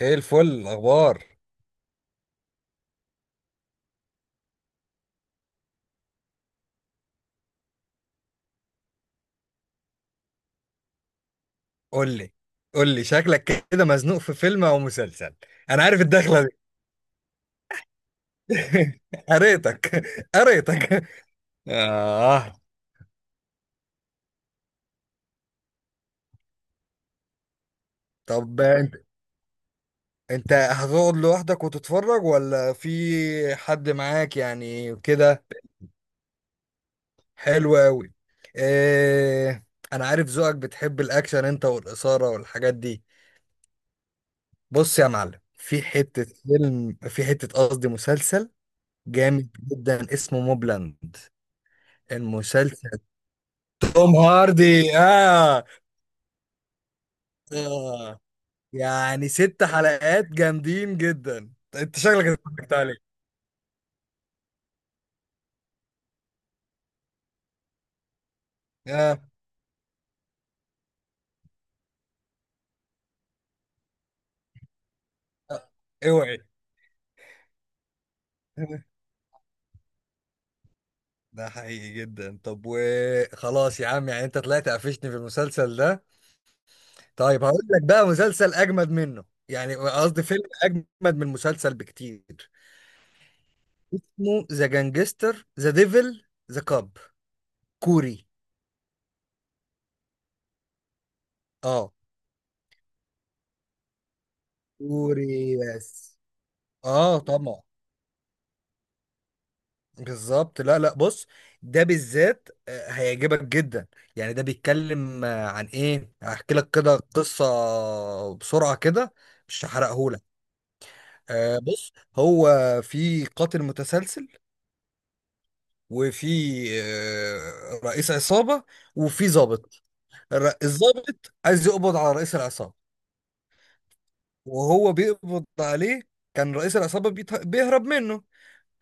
ايه الفل الاخبار. قول لي. شكلك كده مزنوق في فيلم او مسلسل. انا عارف الدخله دي. قريتك. قريتك اه. طب انت، هتقعد لوحدك وتتفرج ولا في حد معاك يعني كده؟ حلو قوي. إيه، انا عارف ذوقك بتحب الاكشن انت والاثاره والحاجات دي. بص يا معلم، في حته فيلم، في حته قصدي مسلسل جامد جدا اسمه موبلاند، المسلسل. توم هاردي، آه. آه، يعني ست حلقات جامدين جدا، انت شكلك اتفرجت عليه. آه. آه، اوعي. ده حقيقي جدا. طب وخلاص يا عم، يعني انت طلعت قفشتني في المسلسل ده. طيب هقول لك بقى مسلسل اجمد منه، يعني قصدي فيلم اجمد من المسلسل بكتير. اسمه ذا جانجستر ذا ديفل ذا كاب، كوري. اه كوري، يس. اه طبعا، بالظبط. لا لا، بص، ده بالذات آه، هيعجبك جدا. يعني ده بيتكلم آه، عن ايه. هحكي لك كده قصة بسرعة كده، مش هحرقهولك. آه، بص، هو في قاتل متسلسل، وفي آه، رئيس عصابة، وفي ضابط. الضابط عايز يقبض على رئيس العصابة، وهو بيقبض عليه كان رئيس العصابة بيهرب منه.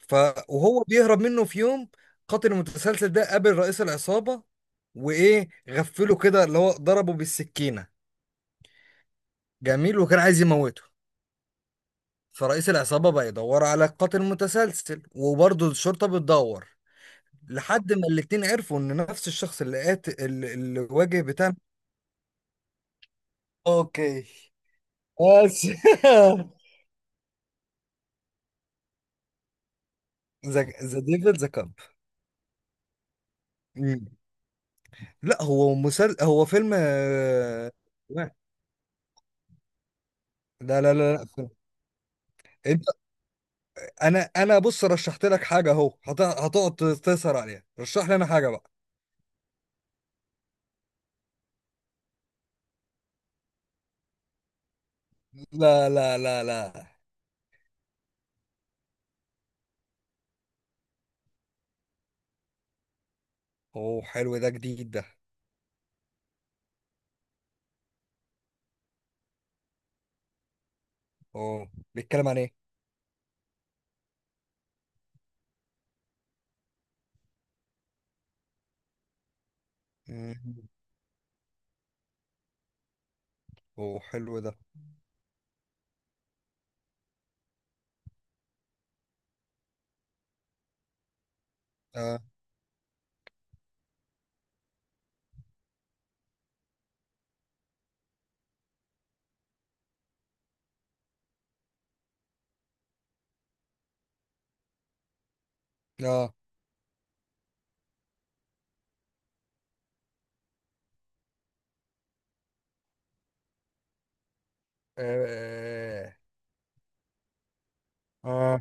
ف وهو بيهرب منه، في يوم قاتل المتسلسل ده قابل رئيس العصابة وإيه غفله كده اللي هو ضربه بالسكينة. جميل، وكان عايز يموته. فرئيس العصابة بقى يدور على القاتل المتسلسل، وبرضه الشرطة بتدور، لحد ما الاتنين عرفوا إن نفس الشخص اللي قاتل اللي واجه بتاعنا. اوكي، بس. ذا ديفل ذا كاب. لا هو مسل، هو فيلم آه، لا لا فيلم. انا بص، رشحت لك حاجه اهو هتقعد تسهر عليها. رشح لي انا حاجه بقى. لا لا لا لا. اوه حلو ده، جديد ده. اوه، بيتكلم عن ايه؟ مم. اوه حلو ده. اه، اه، اه، آه.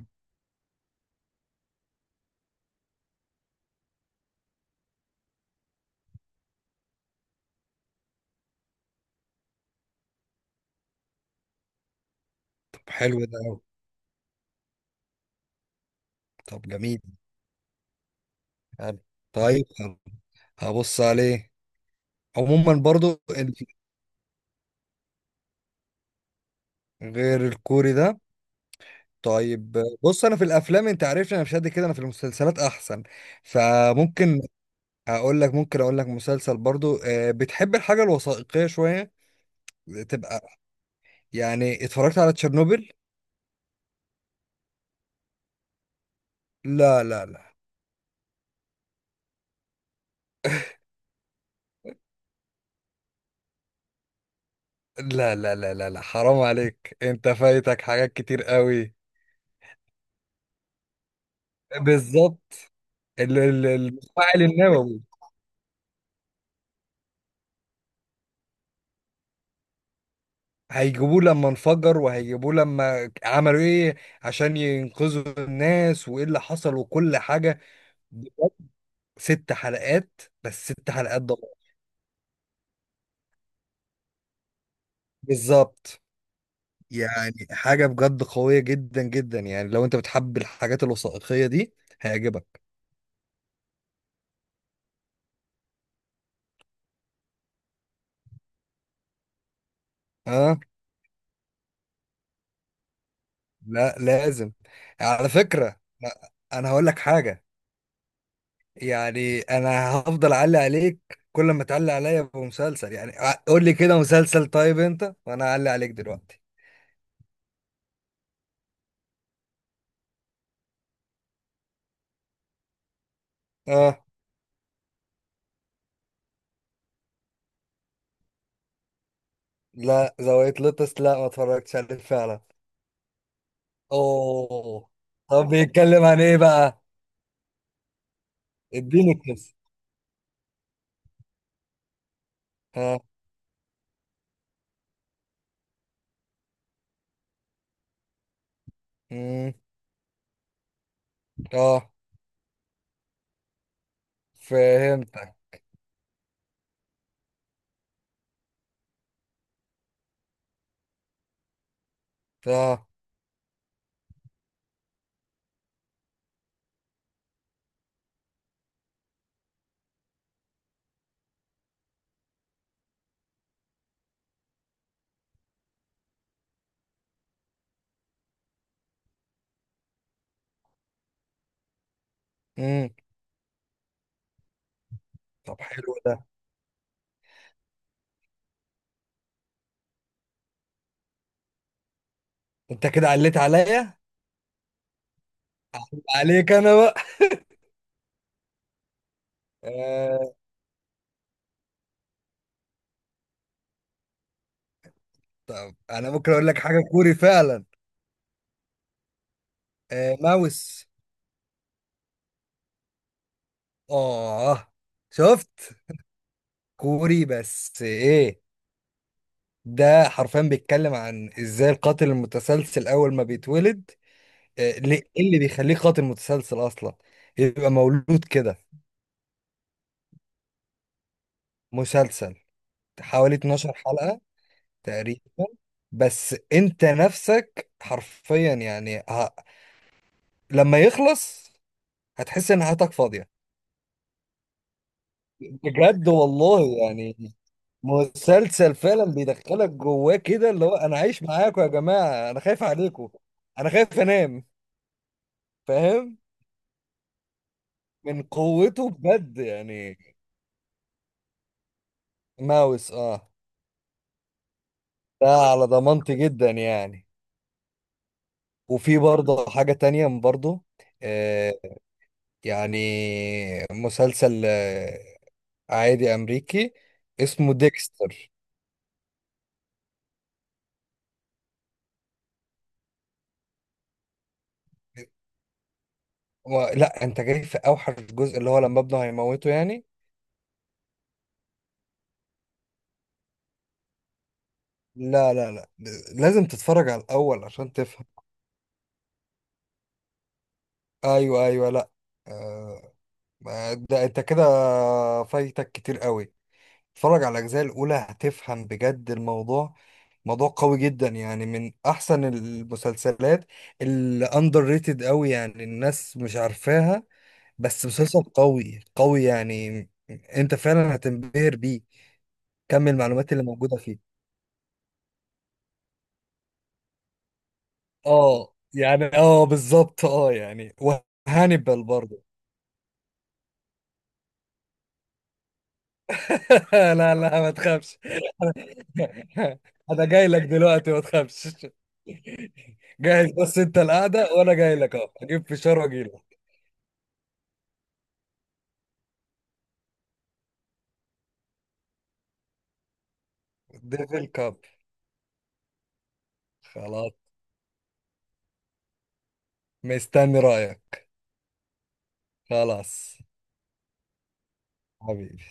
طب حلو ده أوي. طب جميل، حلو، طيب، حلو. هبص عليه. عموما برضو ال-، غير الكوري ده. طيب، بص، انا في الافلام انت عارفني، انا مش قد كده، انا في المسلسلات احسن، فممكن هقول لك، ممكن اقول لك مسلسل برضو آه، بتحب الحاجه الوثائقيه شويه تبقى، يعني اتفرجت على تشيرنوبل؟ لا لا لا لا لا، لا لا لا، حرام عليك، انت فايتك حاجات كتير قوي. بالظبط، المفاعل النووي. هيجيبوه لما انفجر، وهيجيبوه لما عملوا ايه عشان ينقذوا الناس، وايه اللي حصل وكل حاجه. بجد، ست حلقات بس، ست حلقات ده. بالظبط. يعني حاجة بجد قوية جدا جدا، يعني لو انت بتحب الحاجات الوثائقية دي هيعجبك. اه، لا لازم. على فكرة لا، انا هقول لك حاجة، يعني انا هفضل اعلق عليك كل ما تعلق عليا بمسلسل. يعني قول لي كده مسلسل طيب انت وانا اعلق عليك دلوقتي. اه، لا، زاوية لوتس، لا ما اتفرجتش عليه فعلا. اوه. طب بيتكلم عن ايه بقى؟ اديني كده. اه. امم، اه، فهمتك. اه. امم. طب حلو ده. انت كده عليت عليا، عليك انا بقى. آه. طب انا ممكن اقول لك حاجه كوري فعلا. آه، ماوس. اه، شفت. كوري بس ايه، ده حرفيا بيتكلم عن ازاي القاتل المتسلسل اول ما بيتولد آه، ليه إيه اللي بيخليه قاتل متسلسل اصلا، يبقى مولود كده. مسلسل، حوالي 12 حلقه تقريبا. بس انت نفسك حرفيا يعني لما يخلص هتحس ان حياتك فاضيه بجد والله. يعني مسلسل فعلا بيدخلك جواه كده، اللي هو انا عايش معاكم يا جماعه، انا خايف عليكم، انا خايف انام، فاهم؟ من قوته بجد يعني. ماوس، اه، ده على ضمانتي جدا يعني. وفي برضه حاجه تانية برضه، آه، يعني مسلسل آه عادي امريكي اسمه ديكستر. لا انت جاي في اوحش جزء اللي هو لما ابنه هيموته. يعني لا لا لا، لازم تتفرج على الأول عشان تفهم. أيوه أيوه، لا، آه، ده أنت كده فايتك كتير قوي. اتفرج على الأجزاء الأولى هتفهم بجد الموضوع، موضوع قوي جدا، يعني من أحسن المسلسلات اللي أندر ريتد قوي، يعني الناس مش عارفاها، بس مسلسل قوي قوي، يعني أنت فعلا هتنبهر بيه كم المعلومات اللي موجودة فيه. اه يعني، اه بالظبط، اه يعني، وهانيبال برضه. لا لا، ما تخافش. انا جاي لك دلوقتي، ما تخافش. جاهز، بس انت القعده وانا جاي لك اهو، اجيب فشار واجي لك. ديفل كاب. خلاص. مستني رايك. خلاص. حبيبي.